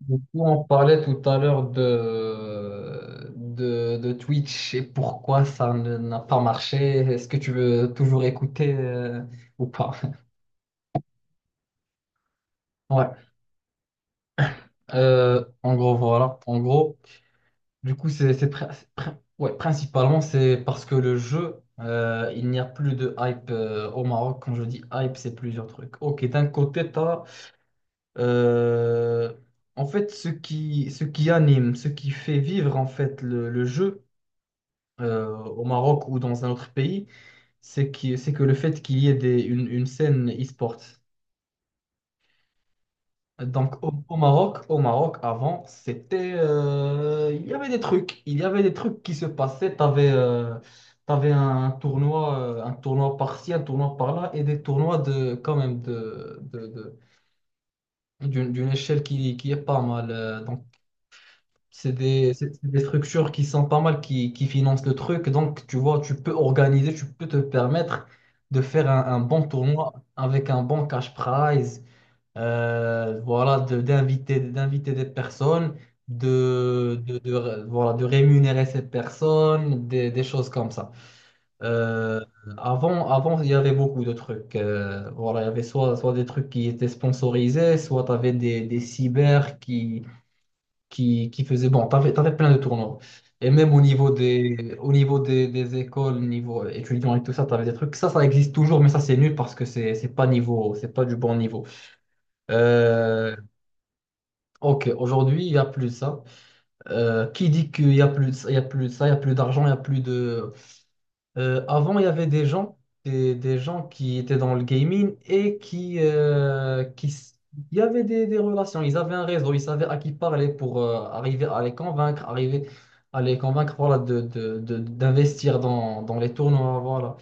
Du coup, on parlait tout à l'heure de Twitch et pourquoi ça n'a pas marché. Est-ce que tu veux toujours écouter ou pas? Ouais. En gros, voilà. En gros, du coup, c'est pri- pri- ouais, principalement c'est parce que le jeu, il n'y a plus de hype au Maroc. Quand je dis hype, c'est plusieurs trucs. Ok, d'un côté, t'as euh, en fait ce qui anime, ce qui fait vivre en fait le jeu au Maroc ou dans un autre pays, c'est que le fait qu'il y ait une scène e-sport. Donc au Maroc, avant, c'était, il y avait des trucs, il y avait des trucs qui se passaient. T'avais, t'avais un tournoi par-ci, un tournoi par-là, et des tournois de, quand même de- d'une, d'une échelle qui est pas mal. C'est des, c'est des structures qui sont pas mal, qui financent le truc. Donc, tu vois, tu peux organiser, tu peux te permettre de faire un bon tournoi avec un bon cash prize. Voilà, d'inviter, d'inviter des personnes, voilà, de rémunérer ces personnes, des choses comme ça. Euh, avant, il y avait beaucoup de trucs. Voilà, il y avait soit des trucs qui étaient sponsorisés, soit tu avais des cyber qui faisait bon, t'avais plein de tournois. Et même au niveau des écoles, niveau étudiants et tout ça, t'avais des trucs. Ça existe toujours, mais ça, c'est nul parce que c'est pas niveau, c'est pas du bon niveau. Euh, ok, aujourd'hui, il y a plus de ça. Qui dit qu'il y a plus, il y a plus de ça, il y a plus d'argent, il y a plus de. Avant, il y avait des gens, des gens qui étaient dans le gaming et il y avait des relations, ils avaient un réseau, ils savaient à qui parler pour arriver à les convaincre, arriver à les convaincre voilà, d'investir dans les tournois. Voilà.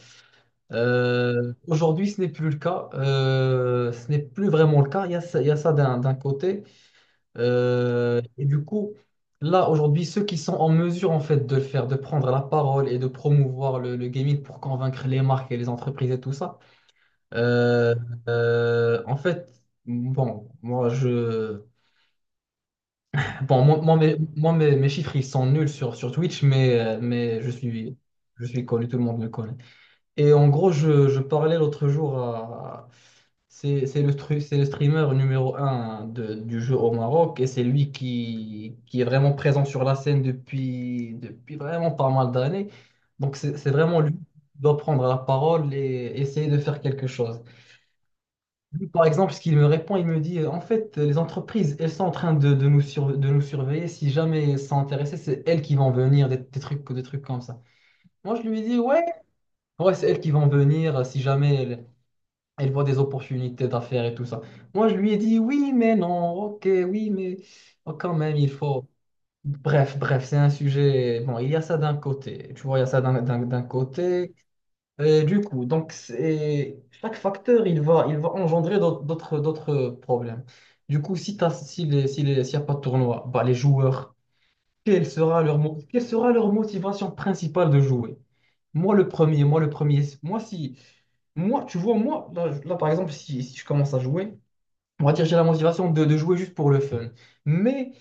Aujourd'hui, ce n'est plus le cas. Ce n'est plus vraiment le cas, il y a ça, il y a ça d'un côté. Et du coup, là, aujourd'hui, ceux qui sont en mesure, en fait, de le faire, de prendre la parole et de promouvoir le gaming pour convaincre les marques et les entreprises et tout ça, euh, en fait, bon, moi, je... Bon, mes chiffres, ils sont nuls sur Twitch, mais je suis connu, tout le monde me connaît. Et en gros, je parlais l'autre jour à c'est le streamer numéro un du jeu au Maroc et c'est lui qui est vraiment présent sur la scène depuis, depuis vraiment pas mal d'années. Donc c'est vraiment lui qui doit prendre la parole et essayer de faire quelque chose. Lui, par exemple, ce qu'il me répond, il me dit, en fait, les entreprises, elles sont en train de nous surveiller. Si jamais elles sont intéressées, c'est elles qui vont venir, des trucs comme ça. Moi, je lui dis, ouais, ouais, c'est elles qui vont venir si jamais... Elle voit des opportunités d'affaires et tout ça. Moi, je lui ai dit, oui, mais non, ok, oui, mais oh, quand même, il faut... Bref, bref, c'est un sujet... Bon, il y a ça d'un côté, tu vois, il y a ça d'un côté. Du coup, donc, c'est... Chaque facteur, il va engendrer d'autres problèmes. Du coup, si les, s'il n'y a pas de tournoi, bah, les joueurs, quelle sera leur motivation principale de jouer? Moi, le premier, moi, le premier, moi, si... Moi, tu vois, moi, là, là, par exemple, si je commence à jouer, on va dire j'ai la motivation de jouer juste pour le fun. Mais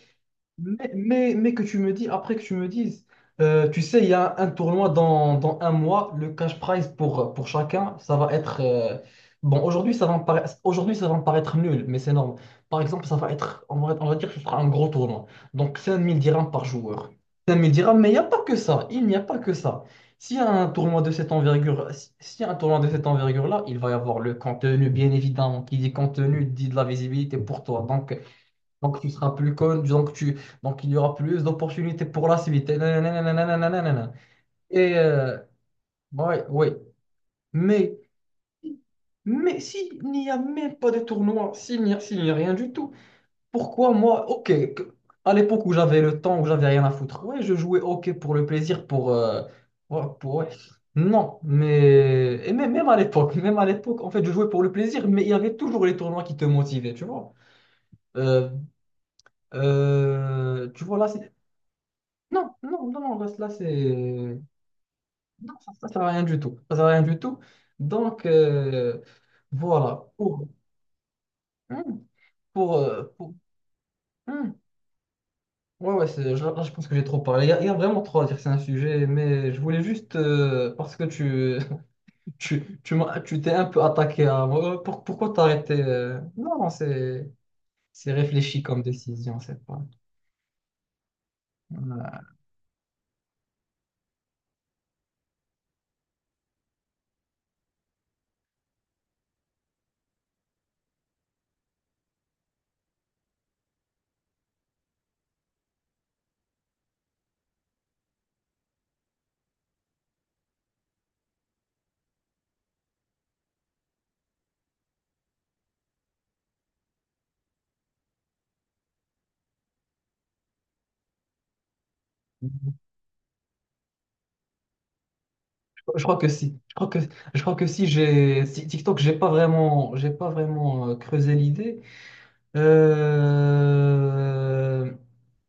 mais que tu me dis, après que tu me dises, tu sais, il y a un, tournoi dans un mois, le cash prize pour chacun, ça va être... bon, aujourd'hui, ça va me paraître, aujourd'hui, ça va me paraître nul, mais c'est énorme. Par exemple, ça va être, on va dire que ce sera un gros tournoi. Donc, 5000 dirhams par joueur. 5000 dirhams, mais il n'y a pas que ça. Il n'y a pas que ça. S'il y a un tournoi de cette envergure, s'il y a un tournoi de cette envergure-là, il va y avoir le contenu, bien évidemment. Qui dit contenu, dit de la visibilité pour toi. Donc tu seras plus con, donc tu, donc il y aura plus d'opportunités pour la suite. Et nanana, nanana, nanana. Et, bon, ouais, ouais. Mais, mais s'il n'y a même pas de tournoi, s'il n'y a rien du tout, pourquoi moi, ok, que- à l'époque où j'avais le temps, où j'avais rien à foutre, ouais, je jouais ok pour le plaisir, pour, ouais, ouais. Non, mais et même, même à l'époque, en fait, je jouais pour le plaisir, mais il y avait toujours les tournois qui te motivaient, tu vois. Euh, tu vois là, c'est- Non, non, non, non, là, là, c'est... Non, ça sert à rien du tout. Ça sert à rien du tout. Donc, voilà. Pour... Hmm. Pour, euh, pour- hmm. Ouais, ouais, là, je pense que j'ai trop parlé. Il y a vraiment trop à dire, c'est un sujet, mais je voulais juste... parce que tu tu tu t'es un peu attaqué à moi. Pourquoi t'as arrêté non, non, c'est... C'est réfléchi comme décision, c'est pas... Voilà. Je crois que si. Je crois que si j'ai si TikTok, j'ai pas vraiment creusé l'idée. Euh,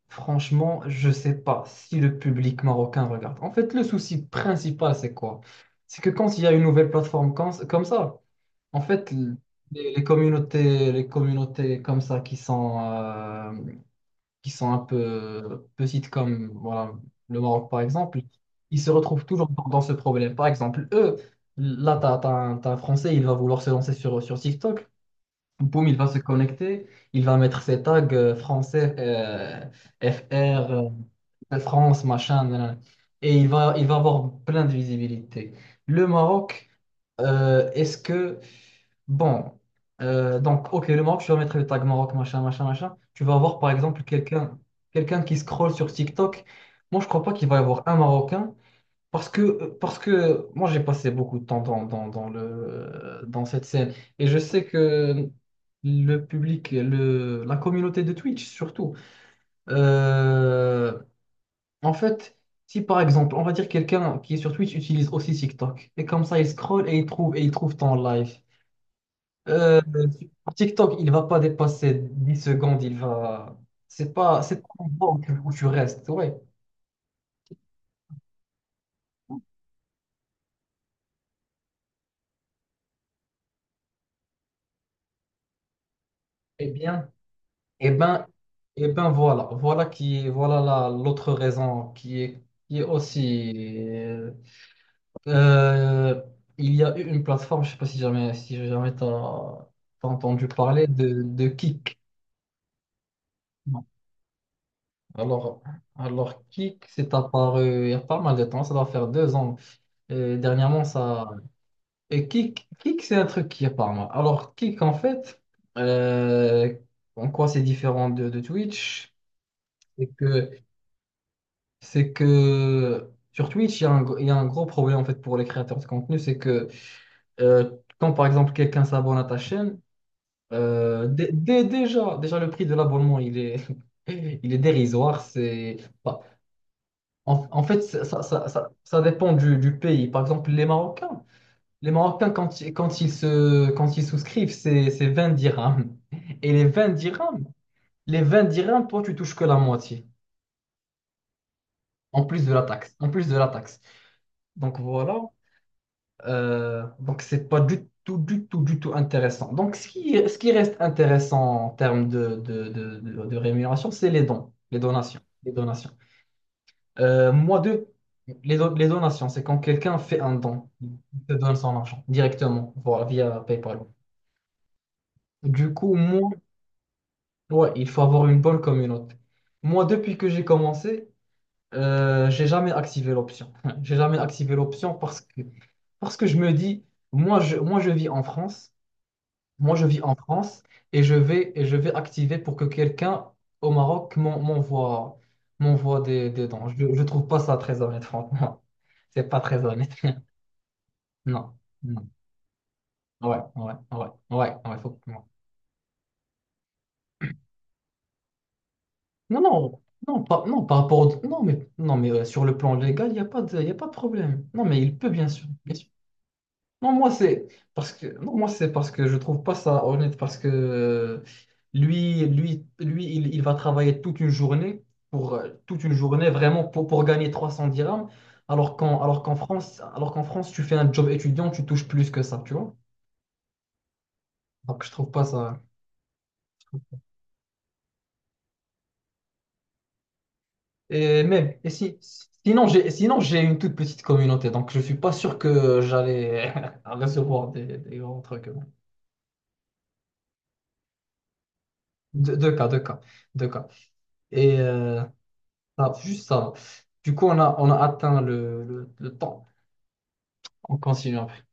Franchement, je sais pas si le public marocain regarde. En fait, le souci principal, c'est quoi? C'est que quand il y a une nouvelle plateforme comme ça, en fait, les communautés comme ça qui sont un peu petites comme voilà, le Maroc par exemple, ils se retrouvent toujours dans ce problème. Par exemple, eux, là, t'as un Français, il va vouloir se lancer sur TikTok. Boum, il va se connecter, il va mettre ses tags français, FR, France, machin, nanana. Et il va avoir plein de visibilité. Le Maroc, est-ce que bon, donc, ok, le Maroc, tu vas mettre le tag Maroc, machin, machin, machin. Tu vas avoir, par exemple, quelqu'un qui scrolle sur TikTok. Moi, je crois pas qu'il va y avoir un Marocain parce que moi, j'ai passé beaucoup de temps dans le, dans cette scène et je sais que le public, la communauté de Twitch, surtout, euh, en fait, si par exemple, on va dire quelqu'un qui est sur Twitch utilise aussi TikTok et comme ça, il scrolle et et il trouve ton live. Euh, sur TikTok, il va pas dépasser 10 secondes, il va. C'est pas un endroit où tu restes, ouais. Eh bien, eh ben, eh ben voilà, voilà l'autre raison qui est aussi. Euh, il y a eu une plateforme, je sais pas si jamais, si jamais t'as, t'as entendu parler de Kick. Non. Alors, alors Kick, c'est apparu il y a pas mal de temps, ça doit faire 2 ans. Et dernièrement, ça, et kick, kick, c'est un truc qui est par moi. Alors, kick, en fait, euh, en quoi c'est différent de Twitch? C'est que, c'est que sur Twitch, il y a un, il y a un gros problème en fait pour les créateurs de contenu. C'est que euh, quand par exemple quelqu'un s'abonne à ta chaîne, déjà le prix de l'abonnement, il est, il est dérisoire. C'est, bah, en fait, ça dépend du pays. Par exemple, les Marocains. Les Marocains, quand ils souscrivent, c'est 20 dirhams. Et les 20 dirhams, les 20 dirhams, toi, tu touches que la moitié, en plus de la taxe, en plus de la taxe. Donc voilà, donc c'est pas du tout, du tout, du tout intéressant. Donc ce qui reste intéressant en termes de rémunération, c'est les dons, les donations, les donations. Euh, moi, deux, les, les donations, c'est quand quelqu'un fait un don, il te donne son argent directement, voilà, via PayPal. Du coup, moi, ouais, il faut avoir une bonne communauté. Moi, depuis que j'ai commencé, j'ai jamais activé l'option. J'ai jamais activé l'option parce que je me dis, moi, je vis en France, moi, je vis en France et et je vais activer pour que quelqu'un au Maroc m'envoie, m'envoie des dons. Je trouve pas ça très honnête, franchement. C'est pas très honnête. Non, non. Ouais, ouais, ouais, ouais, ouais, ouais. Non, par rapport au- non, mais, non, mais sur le plan légal, il n'y a pas de, y a pas de problème. Non, mais il peut, bien sûr. Bien sûr. Non, moi, c'est parce que, non, moi, c'est parce que je trouve pas ça honnête, parce que lui il va travailler toute une journée, pour, toute une journée, vraiment, pour gagner 300 dirhams, alors qu'en France, tu fais un job étudiant, tu touches plus que ça, tu vois. Donc, je trouve pas ça. Et même, et si, sinon, j'ai une toute petite communauté, donc je suis pas sûr que j'allais recevoir des grands trucs. Deux, deux cas, deux cas, deux cas. Et ça, juste ça. Du coup, on a atteint le temps. On continue après.